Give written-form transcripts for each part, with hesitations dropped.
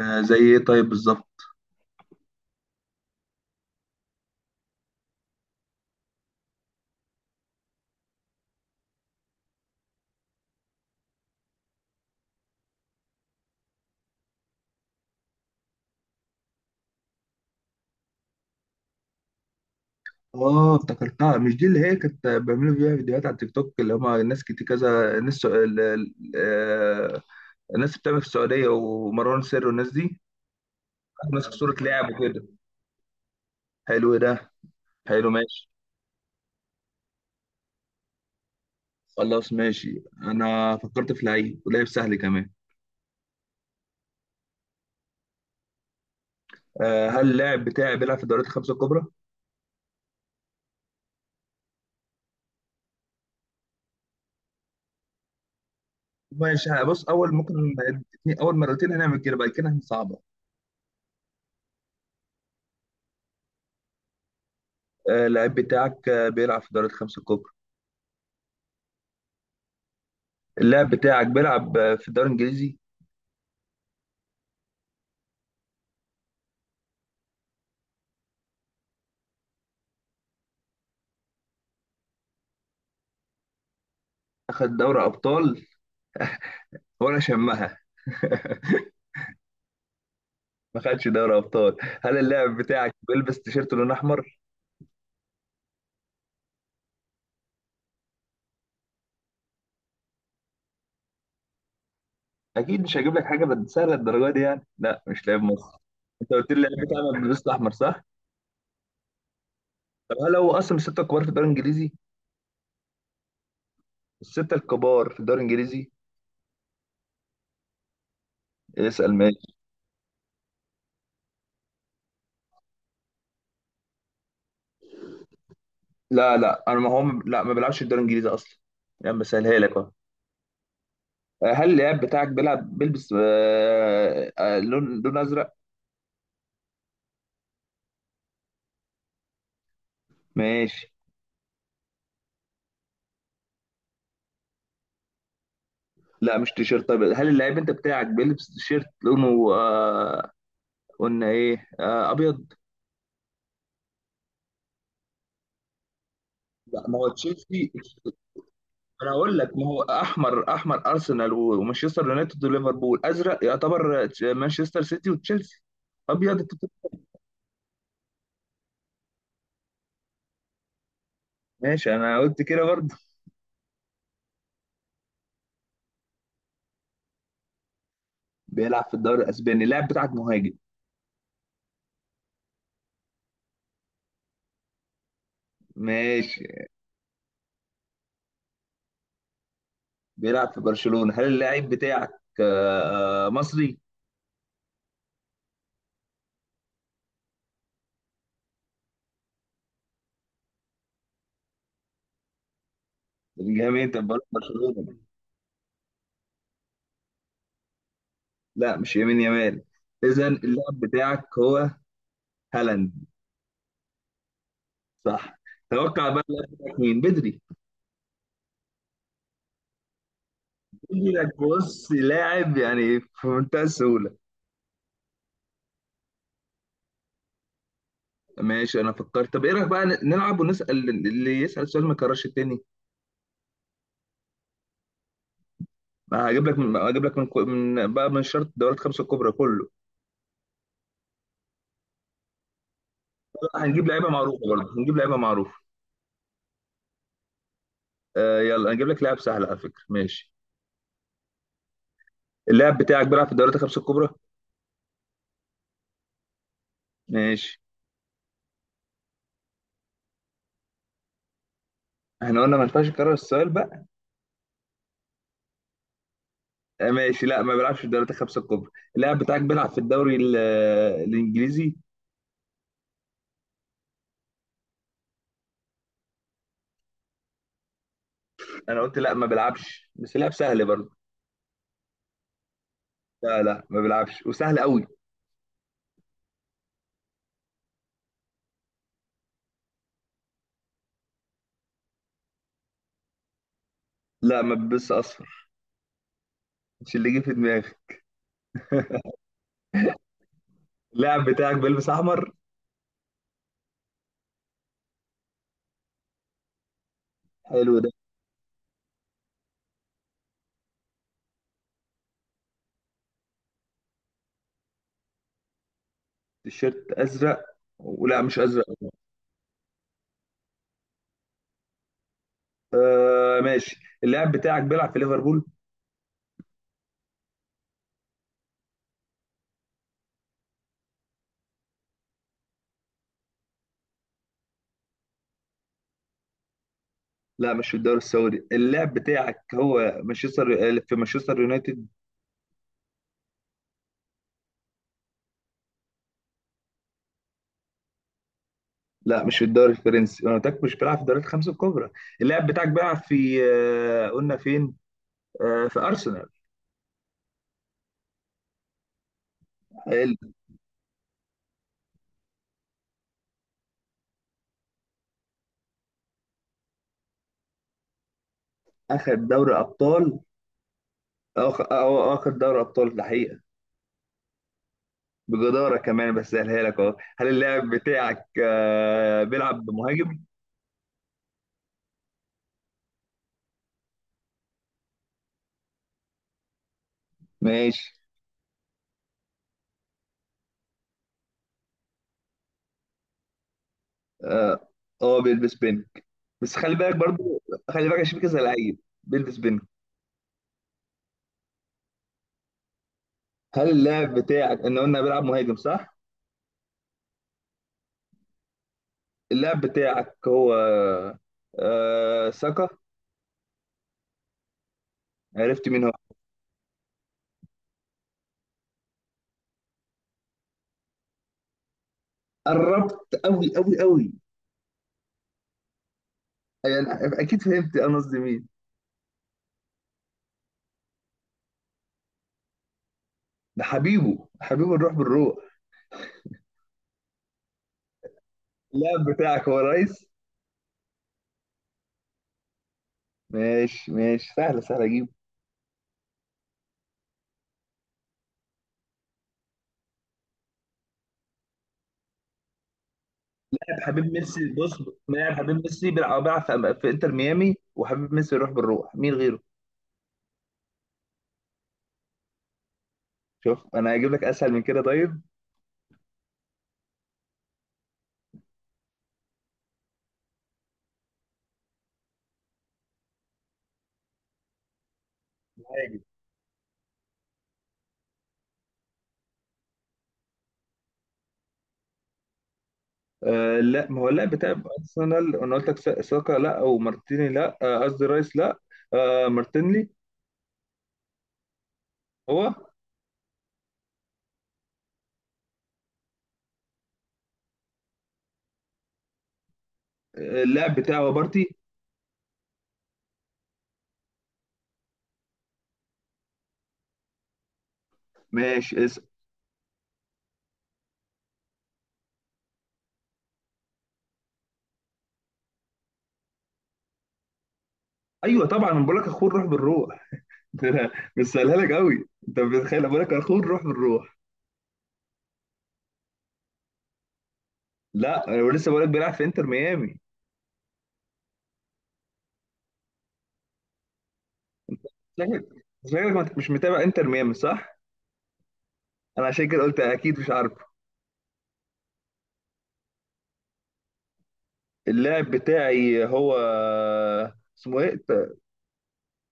زي ايه طيب بالظبط. اه افتكرتها، مش دي اللي هي كانت بيعملوا فيها فيديوهات على التيك توك اللي هم ناس كتير كذا ناس الناس اللي بتعمل في السعوديه ومروان سر والناس دي. ناس في صوره لعب وكده. حلو، إيه ده؟ حلو ماشي. خلاص ماشي، انا فكرت في لعيب ولعيب سهل كمان. هل اللاعب بتاعي بيلعب في الدوريات الخمسه الكبرى؟ ماشي بص اول ممكن اول مرتين هنعمل كده، بعد كده هنصعبها. اللاعب بتاعك بيلعب في الدوريات الخمسه الكبرى. اللاعب بتاعك بيلعب في الدوري الانجليزي. اخد دوري ابطال، وانا شمها. ما خدش دوري ابطال. هل اللاعب بتاعك بيلبس تيشيرت لون احمر؟ اكيد مش هجيب لك حاجه سهله الدرجه دي يعني، لا مش لاعب مصر. انت قلت لي اللاعب بتاعنا بيلبس احمر صح؟ طب هل هو اصلا من السته الكبار في الدوري الانجليزي؟ السته الكبار في الدوري الانجليزي. اسال ماشي. لا لا، انا ما هو لا ما بيلعبش في الدوري الانجليزي اصلا، يعني بسهلها لك اهو. هل اللاعب بتاعك بيلبس لون ازرق؟ ماشي. لا مش تيشيرت، طيب هل اللعيب انت بتاعك بيلبس تيشيرت لونه قلنا ايه ابيض؟ لا ما هو تشيلسي. انا هقول لك ما هو احمر، احمر ارسنال ومانشستر يونايتد وليفربول، ازرق يعتبر مانشستر سيتي وتشيلسي، ابيض أنت بتقول-. ماشي انا قلت كده برضه. بيلعب في الدوري الاسباني، اللاعب بتاعك مهاجم. ماشي. بيلعب في برشلونة، هل اللاعب بتاعك مصري؟ الجميع انت في برشلونة. لا مش يمين يمال. اذا اللاعب بتاعك هو هالاند. صح. توقع بقى اللي قدامك مين بدري. يجي لك بص لاعب يعني في منتهى السهوله. ماشي انا فكرت، طب ايه رايك بقى نلعب ونسال اللي يسال سؤال ما يكررش التاني. بقى هجيب لك من من بقى من شرط الدورات الخمسه الكبرى كله. هنجيب لعيبه معروفه برضه، هنجيب لعيبه معروفه. يلا هنجيب لك لاعب سهل على فكره ماشي. اللاعب بتاعك بيلعب في الدورات الخمسه الكبرى. ماشي. احنا قلنا ما ينفعش نكرر السؤال بقى. آه ماشي، لا ما بيلعبش في الدورات الخمسه الكبرى. اللاعب بتاعك بيلعب في الدوري الانجليزي. انا قلت لا ما بيلعبش بس لعب سهل برضه. لا لا ما بيلعبش وسهل قوي. لا ما بلبسش اصفر. مش اللي جه في دماغي. اللاعب بتاعك بيلبس احمر. حلو ده. التيشيرت ازرق، ولا مش ازرق؟ آه ماشي. اللاعب بتاعك بيلعب في ليفربول. لا مش في الدوري السعودي، اللاعب بتاعك هو مانشستر، في مانشستر يونايتد. لا مش في الدوري الفرنسي، انا قلت لك مش بيلعب في الدوريات الخمسه الكبرى. اللاعب بتاعك بيلعب في قلنا فين في ارسنال. حلو. اخد دوري ابطال. أو أخد دوري أبطال ده حقيقة، بجدارة كمان بس سهلها لك أهو. هل اللاعب بتاعك بيلعب بمهاجم؟ ماشي. أه بيلبس بينك. بس خلي بالك برضو، خلي بالك عشان في كذا لعيب بيلبس بينك. هل اللاعب بتاعك إن قلنا بيلعب مهاجم صح؟ اللاعب بتاعك هو ساكا. عرفت مين هو. قربت أوي أوي أوي. يعني أكيد فهمت أنا قصدي مين. ده حبيبه، حبيبه الروح بالروح. اللاعب بتاعك هو رئيس. ماشي ماشي سهلة سهلة أجيب. لاعب حبيب ميسي بص، لاعب حبيب ميسي بيلعب في انتر ميامي، وحبيب ميسي يروح بالروح، مين غيره؟ شوف انا هجيب لك اسهل من كده طيب. مهاجم. لا ما هو اللاعب بتاع ارسنال، انا قلت لك ساكا لا، ومارتيني لا، قصدي رايس لا. مارتينلي. هو اللاعب بتاعه بارتي. ماشي ايوه طبعا انا بقول لك اخوه الروح بالروح. مش سهلها لك قوي، انت بتخيل بقول لك اخوه الروح بالروح. لا انا لسه بقول لك بيلعب في انتر ميامي. شكلك شكلك ما أنت مش متابع انتر ميامي صح؟ انا عشان كده قلت اكيد مش عارفه. اللاعب بتاعي هو اسمه ايه؟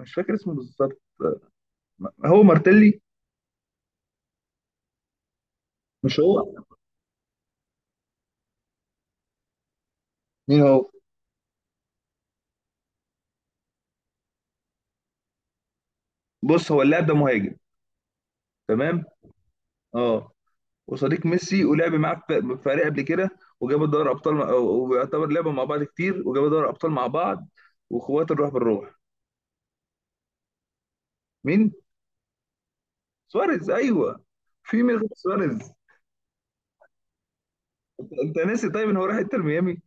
مش فاكر اسمه بالظبط. هو مارتيلي. مش هو. مين هو. بص هو اللاعب ده مهاجم. تمام. اه، وصديق ميسي، ولعب معاه في فريق قبل كده، وجابوا دوري ابطال ويعتبر لعبوا مع بعض كتير، وجابوا دوري ابطال مع بعض، واخوات الروح بالروح. مين؟ سواريز ايوه. في مين غير سواريز؟ انت ناسي طيب ان هو راح انتر ميامي.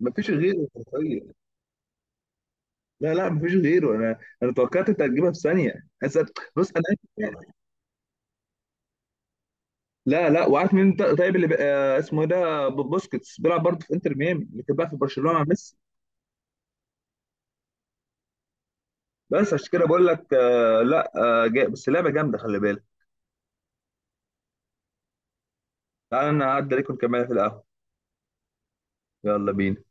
مفيش غيره حرفيا. لا لا مفيش غيره، انا توقعت انت هتجيبها في ثانيه. أصل- بص انا. لا لا، وعارف مين طيب اللي بقى اسمه ايه ده؟ بوسكيتس بيلعب برضه في انتر ميامي، اللي كان بقى في برشلونه مع ميسي. بس عشان كده بقول لك لا. بس اللعبه جامده، خلي بالك. تعالى انا هعدي عليكم نكملها في القهوه. يلا بينا.